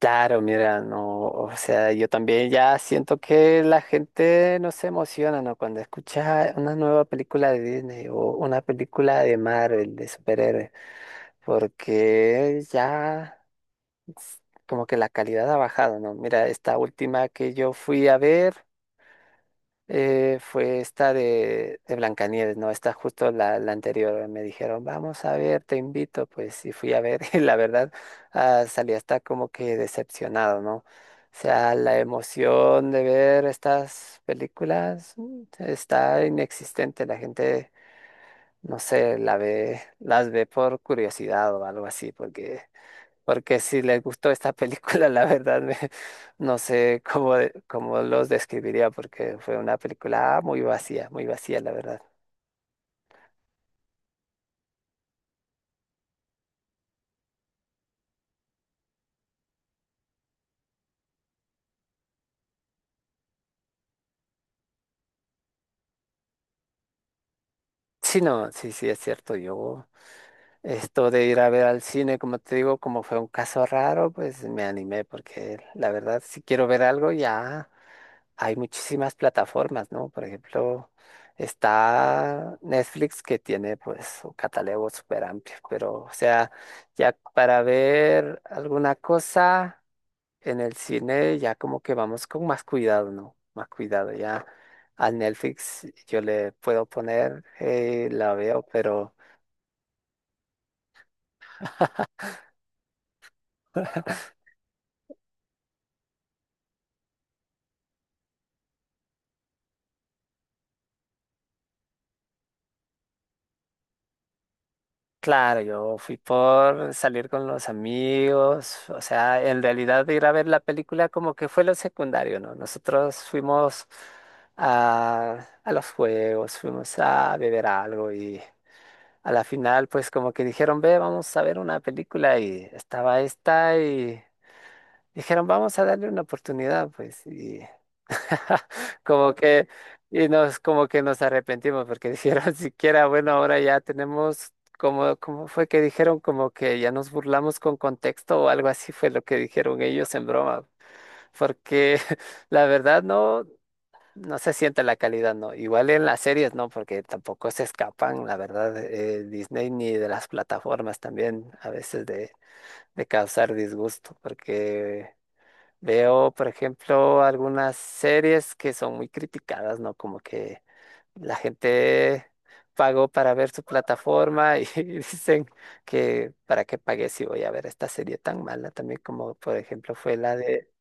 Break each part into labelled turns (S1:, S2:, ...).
S1: Claro, mira, no, o sea, yo también ya siento que la gente no se emociona, ¿no? Cuando escucha una nueva película de Disney o una película de Marvel, de superhéroes, porque ya s- como que la calidad ha bajado, ¿no? Mira, esta última que yo fui a ver. Fue esta de Blancanieves, ¿no? Esta justo la anterior. Me dijeron, vamos a ver, te invito. Pues y fui a ver y la verdad salí hasta como que decepcionado, ¿no? O sea, la emoción de ver estas películas está inexistente. La gente, no sé, la ve, las ve por curiosidad o algo así, porque si les gustó esta película, la verdad no sé cómo, cómo los describiría, porque fue una película muy vacía, la verdad. Sí, no, sí, sí, es cierto, yo esto de ir a ver al cine, como te digo, como fue un caso raro, pues me animé, porque la verdad, si quiero ver algo, ya. Hay muchísimas plataformas, ¿no? Por ejemplo, está Netflix que tiene pues un catálogo súper amplio, pero o sea, ya para ver alguna cosa en el cine ya como que vamos con más cuidado, ¿no? Más cuidado, ya a Netflix yo le puedo poner, la veo, pero... Claro, yo fui por salir con los amigos, o sea, en realidad ir a ver la película como que fue lo secundario, ¿no? Nosotros fuimos a los juegos, fuimos a beber algo y a la final pues como que dijeron, ve, vamos a ver una película y estaba esta y... Dijeron, vamos a darle una oportunidad, pues, y como que, como que nos arrepentimos, porque dijeron, siquiera, bueno, ahora ya tenemos, como, como fue que dijeron, como que ya nos burlamos con contexto o algo así fue lo que dijeron ellos en broma, porque la verdad no, no se siente la calidad, no, igual en las series, no, porque tampoco se escapan, la verdad, Disney ni de las plataformas también, a veces de causar disgusto, porque... Veo, por ejemplo, algunas series que son muy criticadas, ¿no? Como que la gente pagó para ver su plataforma y dicen que para qué pagué si voy a ver esta serie tan mala también como por ejemplo fue la de...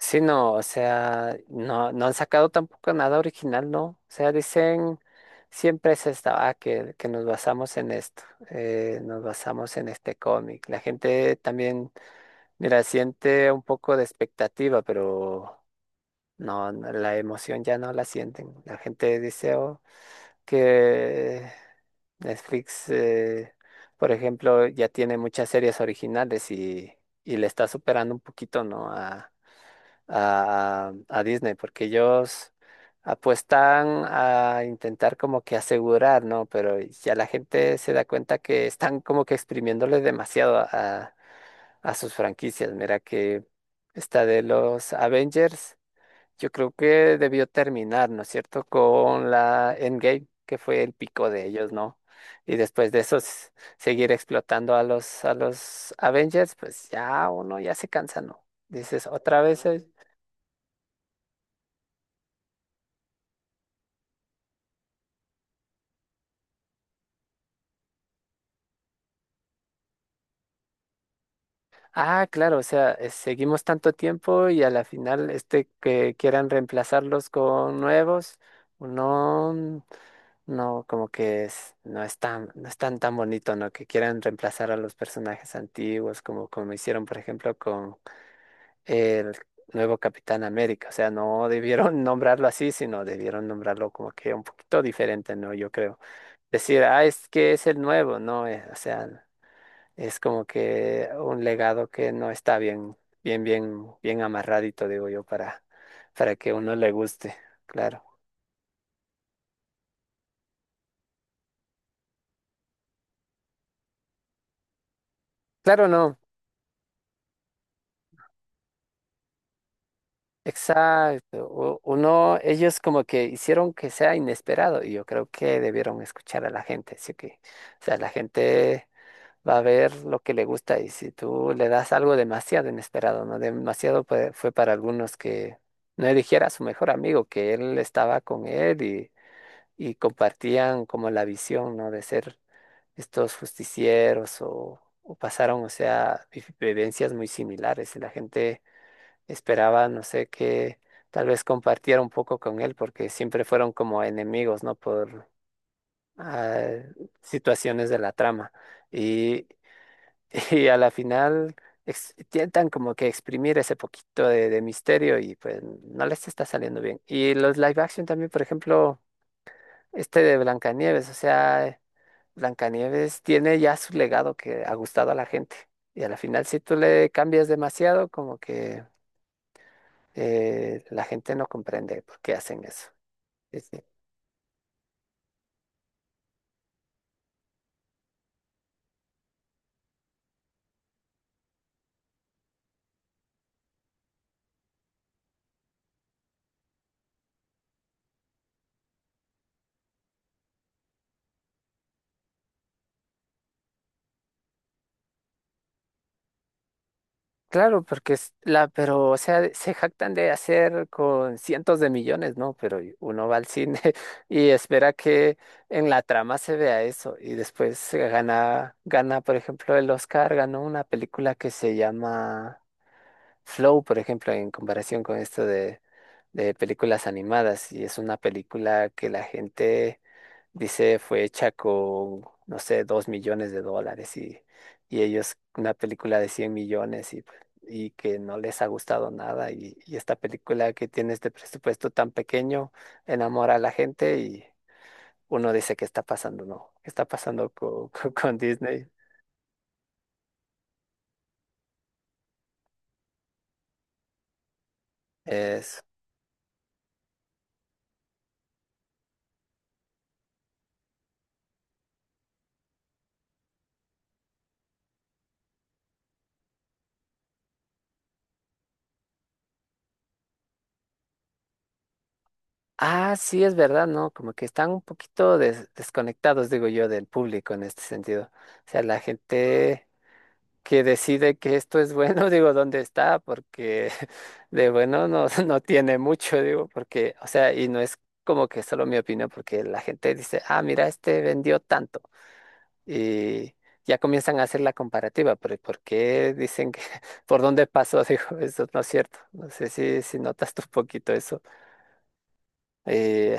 S1: Sí, no, o sea, no, no han sacado tampoco nada original, ¿no? O sea, dicen, siempre es esta, que nos basamos en esto, nos basamos en este cómic. La gente también, mira, siente un poco de expectativa, pero no, no, la emoción ya no la sienten. La gente dice "Oh, que Netflix, por ejemplo, ya tiene muchas series originales y le está superando un poquito, ¿no? a Disney, porque ellos apuestan a intentar como que asegurar, ¿no? Pero ya la gente se da cuenta que están como que exprimiéndole demasiado a sus franquicias. Mira que esta de los Avengers, yo creo que debió terminar, ¿no es cierto?, con la Endgame, que fue el pico de ellos, ¿no? Y después de eso, seguir explotando a los Avengers, pues ya uno ya se cansa, ¿no? Dices, otra vez, ah, claro, o sea, seguimos tanto tiempo y a la final, este que quieran reemplazarlos con nuevos, no, no, como que es, no es tan tan bonito, ¿no? Que quieran reemplazar a los personajes antiguos, como, como hicieron, por ejemplo, con el nuevo Capitán América. O sea, no debieron nombrarlo así, sino debieron nombrarlo como que un poquito diferente, ¿no? Yo creo. Decir, ah, es que es el nuevo, ¿no? O sea. Es como que un legado que no está bien, bien, bien, bien amarradito, digo yo, para que uno le guste, claro. Claro, no, exacto. Uno, ellos como que hicieron que sea inesperado y yo creo que debieron escuchar a la gente, así que, o sea, la gente va a ver lo que le gusta y si tú le das algo demasiado inesperado, ¿no? Demasiado fue para algunos que no eligiera a su mejor amigo, que él estaba con él y compartían como la visión, ¿no? De ser estos justicieros o pasaron, o sea, vivencias muy similares y la gente esperaba, no sé, que tal vez compartiera un poco con él porque siempre fueron como enemigos, ¿no? Por ah, situaciones de la trama y, y a la final... Intentan como que exprimir ese poquito de misterio y pues no les está saliendo bien. Y los live action también, por ejemplo, este de Blancanieves, o sea, Blancanieves tiene ya su legado que ha gustado a la gente. Y a la final, si tú le cambias demasiado, como que la gente no comprende por qué hacen eso. Es que, claro, porque es la, pero, o sea, se jactan de hacer con cientos de millones, ¿no? Pero uno va al cine y espera que en la trama se vea eso. Y después gana, por ejemplo, el Oscar, ganó una película que se llama Flow, por ejemplo, en comparación con esto de películas animadas y es una película que la gente dice fue hecha con, no sé, 2 millones de dólares y ellos una película de 100 millones y, pues, y que no les ha gustado nada y, y esta película que tiene este presupuesto tan pequeño enamora a la gente y uno dice, ¿qué está pasando? No, ¿qué está pasando con, Disney? Es Ah, sí, es verdad, ¿no? Como que están un poquito desconectados, digo yo, del público en este sentido. O sea, la gente que decide que esto es bueno, digo, ¿dónde está? Porque de bueno no, no tiene mucho, digo, porque, o sea, y no es como que solo mi opinión, porque la gente dice, ah, mira, este vendió tanto. Y ya comienzan a hacer la comparativa, pero ¿por qué dicen que, por dónde pasó? Digo, eso no es cierto. No sé si, si notas tú un poquito eso. Eh,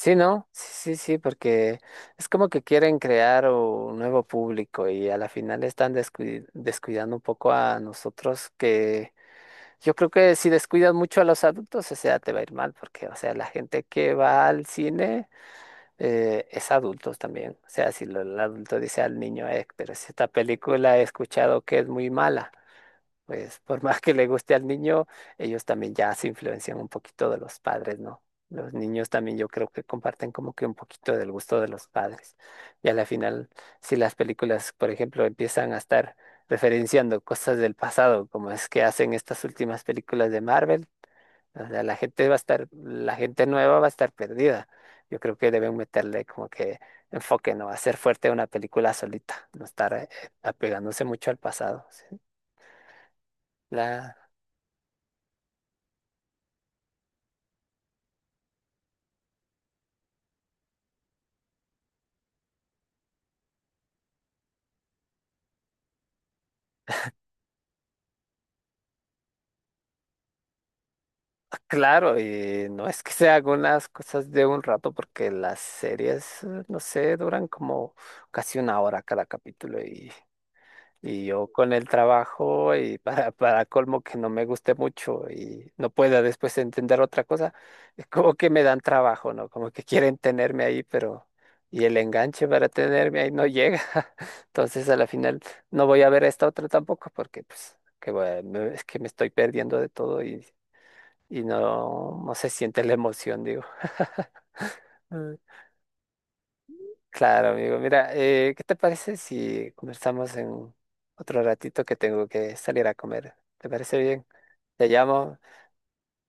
S1: Sí, ¿no? Sí, sí, sí, porque es como que quieren crear un nuevo público y a la final están descuidando un poco a nosotros que yo creo que si descuidas mucho a los adultos, o sea, te va a ir mal, porque, o sea, la gente que va al cine es adultos también. O sea, si lo- el adulto dice al niño, pero si esta película he escuchado que es muy mala pues por más que le guste al niño, ellos también ya se influencian un poquito de los padres, ¿no? Los niños también yo creo que comparten como que un poquito del gusto de los padres. Y a la final, si las películas, por ejemplo, empiezan a estar referenciando cosas del pasado, como es que hacen estas últimas películas de Marvel, o sea, la gente va a estar, la gente nueva va a estar perdida. Yo creo que deben meterle como que enfoque, ¿no? Hacer fuerte una película solita, no estar apegándose mucho al pasado. ¿Sí? La, Claro, y no es que se hagan las cosas de un rato, porque las series, no sé, duran como casi una hora cada capítulo y yo con el trabajo y para colmo que no me guste mucho y no pueda después entender otra cosa, es como que me dan trabajo, ¿no? Como que quieren tenerme ahí, pero y el enganche para tenerme ahí no llega. Entonces a la final no voy a ver esta otra tampoco, porque pues que, es que me estoy perdiendo de todo y no, no se siente la emoción, digo. Mm. Claro, amigo. Mira, ¿qué te parece si conversamos en otro ratito que tengo que salir a comer? ¿Te parece bien? Te llamo,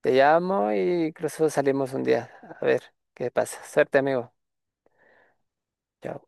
S1: te llamo y incluso salimos un día. A ver qué pasa. Suerte, amigo. Chao.